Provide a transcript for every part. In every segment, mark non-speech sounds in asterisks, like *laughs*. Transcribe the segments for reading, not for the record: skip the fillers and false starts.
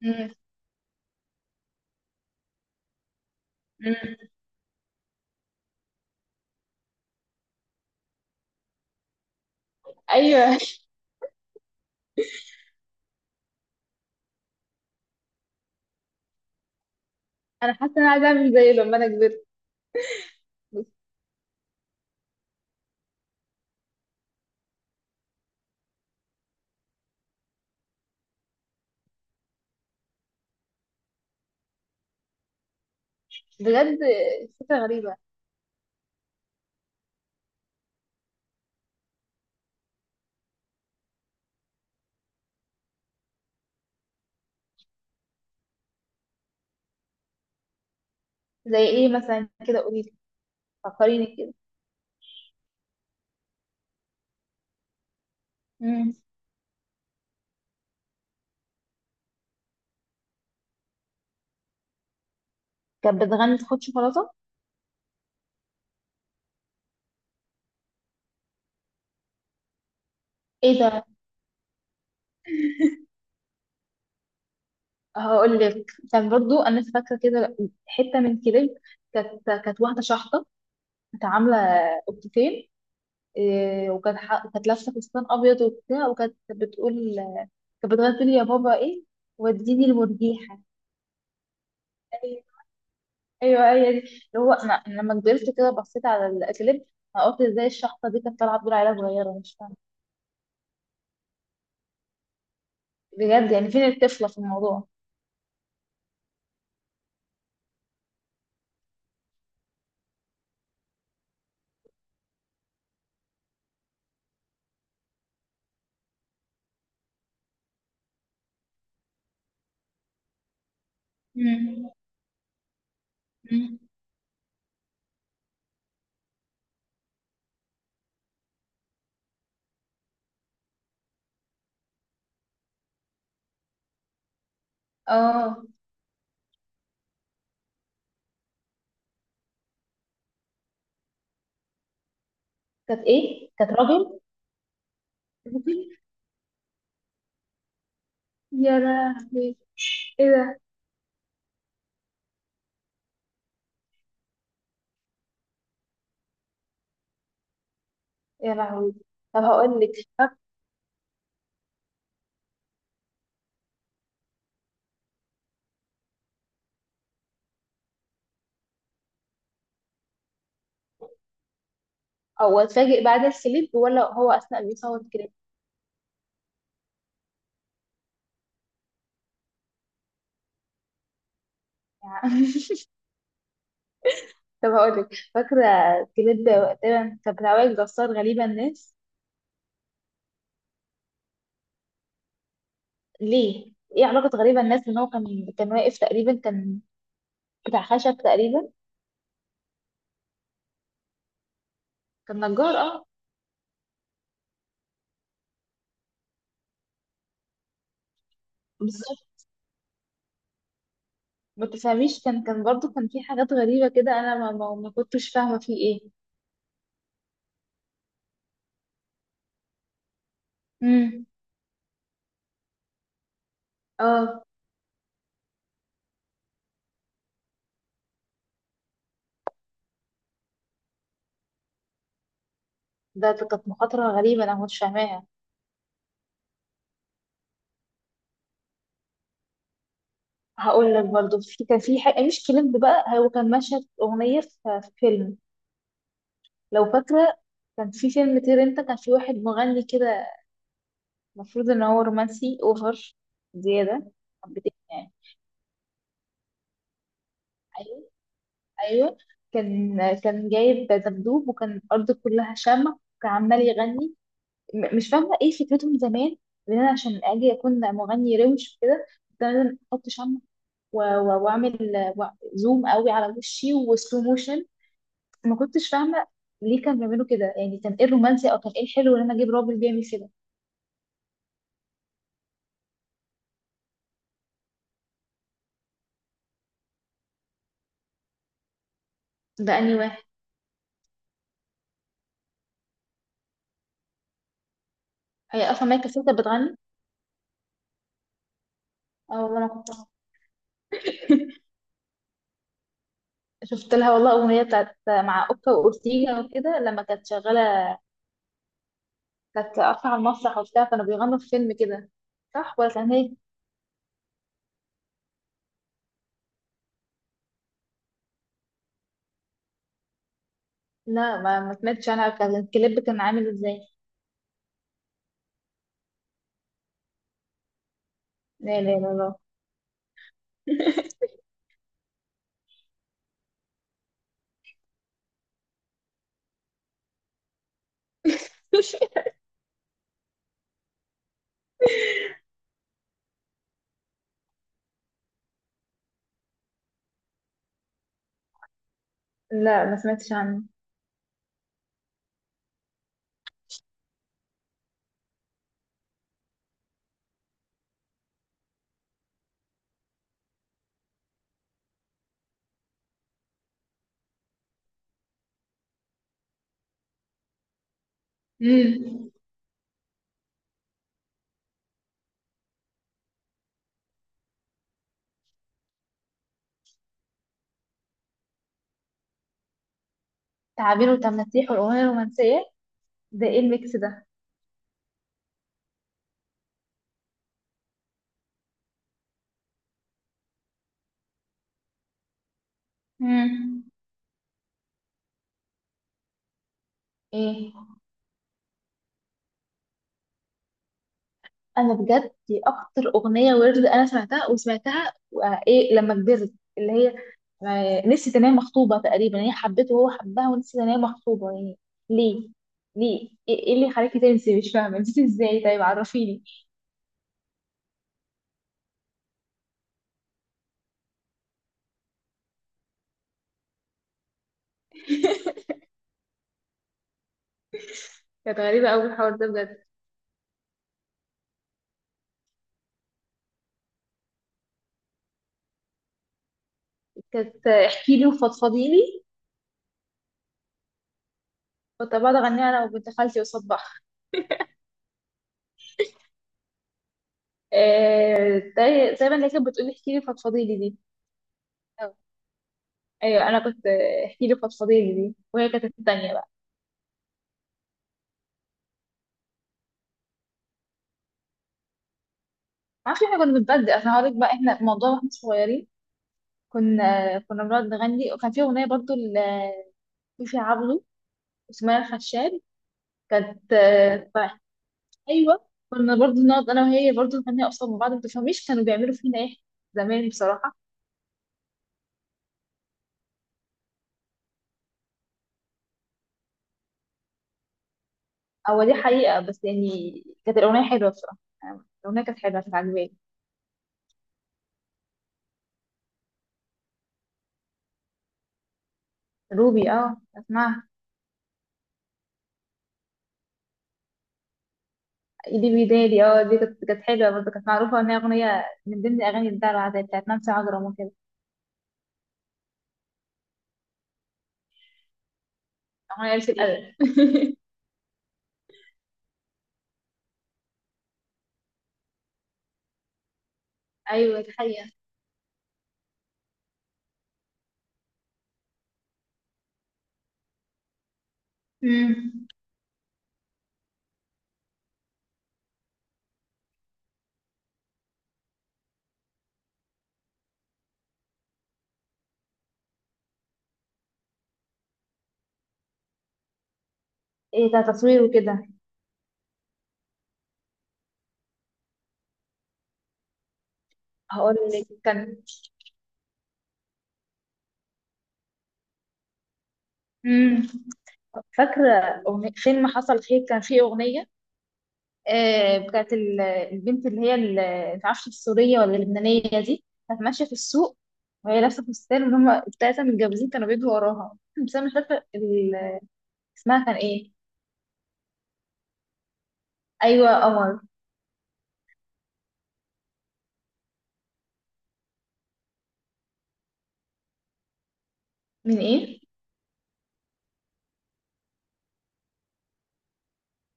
مم. مم. ايوه. *laughs* انا حاسه ان انا عايزه اعمل زيه لما انا كبرت. بس بجد، فكره غريبه. زي ايه مثلا كده؟ قولي لي، فكريني كده. مم. كانت بتغني خد شوكولاته؟ ايه ده؟ هقول لك، كان برضو انا فاكره كده حته من كليب. كانت واحده شحطه، كانت عامله قبطتين. إيه، كانت لابسه فستان ابيض وبتاع، وكانت بتقول، كانت بتغني تقول يا بابا ايه وديني المرجيحه. ايوه، هي دي. اللي هو أنا لما كبرت كده بصيت على الاكليب، انا قلت ازاي الشحطه دي كانت طالعه تقول عليها؟ صغيره مش فاهمه. بجد يعني، فين الطفله في الموضوع؟ مم. مم. اه، كانت ايه؟ كانت راجل؟ راجل؟ يا لهوي، ايه ده؟ يا لهوي. طب هقول لك، فاك- او اتفاجئ بعد الكليب ولا هو اثناء بيصور كليب؟ يعني. *laughs* طب هقول لك، فاكره كليب تقريبا كان بتاع وائل جسار، غريبه الناس. ليه؟ ايه علاقه غريبه الناس ان هو كان، كان واقف تقريبا، كان بتاع خشب تقريبا؟ كان نجار، اه. بالظبط. ما تفهميش، كان برضو كان في حاجات غريبة كده، انا ما كنتش فاهمة فيه ايه. امم، اه. ده كانت مخاطرة غريبة، انا ما كنتش فاهماها. هقول لك برضو، في كان في حاجة مش كليب بقى، هو كان مشهد اغنية في في فيلم. لو فاكرة، كان في فيلم طير انت، كان في واحد مغني كده، المفروض ان هو رومانسي اوفر، زيادة. حبتين يعني. ايوه، ايوه، كان كان جايب دبدوب، وكان الارض كلها شمع، وكان عمال يغني. مش فاهمه ايه فكرتهم زمان، ان انا عشان اجي اكون مغني روش كده كنت لازم احط شمع، واعمل، زوم قوي على وشي وسلو موشن. ما كنتش فاهمه ليه كانوا بيعملوا كده يعني. كان ايه الرومانسي او كان ايه الحلو ان انا اجيب راجل بيعمل كده؟ ده انهي واحد؟ هي اصلا مايكا سيتا بتغني؟ اه، والله ما كنت أعرف. شفت لها والله اغنيه بتاعت مع اوكا واورتيجا وكده، لما كانت شغاله كانت قافله على المسرح وبتاع، كانوا بيغنوا في فيلم كده. صح ولا؟ كان هي؟ لا، ما سمعتش. انا كان الكليب كان عامل ازاي؟ لا، لا، لا، لا. *laughs* لا، ما سمعتش عنه. امم. تعابير وتماسيح والأغنية الرومانسية؟ ده ايه الميكس ده؟ امم، ايه. انا بجد، دي اكتر اغنيه ورد انا سمعتها وسمعتها، ايه لما كبرت. اللي هي نسيت ان هي مخطوبه. تقريبا هي حبته وهو حبها، ونسيت ان هي مخطوبه يعني. ليه ليه إيه اللي خلاكي تنسي؟ مش فاهمه، نسيتي ازاي؟ طيب، عرفيني. كانت غريبه قوي الحوار ده بجد. كانت، احكي لي وفضفضي لي. كنت بقعد اغنيها انا وبنت خالتي قصاد بعض. زي ما اللي كانت بتقولي احكي لي فضفضي لي دي. أو. ايوه، انا كنت احكي لي فضفضي لي دي، وهي كانت التانية بقى. ما اعرفش، احنا كنا بنتبدل. اصل هقولك بقى، احنا الموضوع واحنا صغيرين كنا بنقعد نغني، وكان في اغنيه برضو لفيفي عبده اسمها الخشاب، كانت، فرح. ايوه، كنا برضو نقعد انا وهي برضو نغني قصاد بعض. ما تفهميش كانوا بيعملوا فينا ايه زمان بصراحه. هو دي حقيقه، بس يعني كانت الاغنيه حلوه بصراحه. يعني الاغنيه كانت حلوه، كانت عجباني. روبي، اه، اسمعها. ايدي بيدالي، اه، دي كانت حلوه برضه، كانت معروفه ان هي اغنيه من ضمن اغاني الدلع العادية بتاعت نانسي عجرم وكده. اغنيه قلت الادب. ايوه، دي حقيقة. امم، ايه ده، تصوير وكده؟ هقول لك كان. امم فاكره أغنية فيلم حصل خير، كان فيه اغنيه بتاعت البنت اللي هي، معرفش السوريه ولا اللبنانيه دي. كانت ماشيه في السوق وهي لابسه فستان، وهم التلاته متجوزين كانوا بيجوا وراها. بس انا مش فاكره اسمها كان ايه. ايوه، قمر. من ايه؟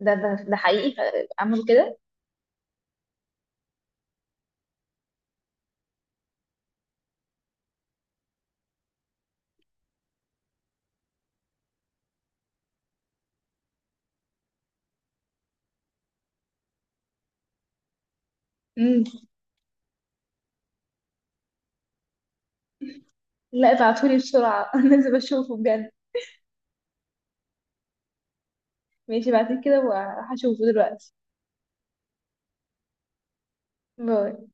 ده حقيقي؟ عملوا كده؟ امم. لا، ابعتولي بسرعة. *laughs* لازم اشوفه بجد. ماشي، بعد كده وهشوفه دلوقتي. باي.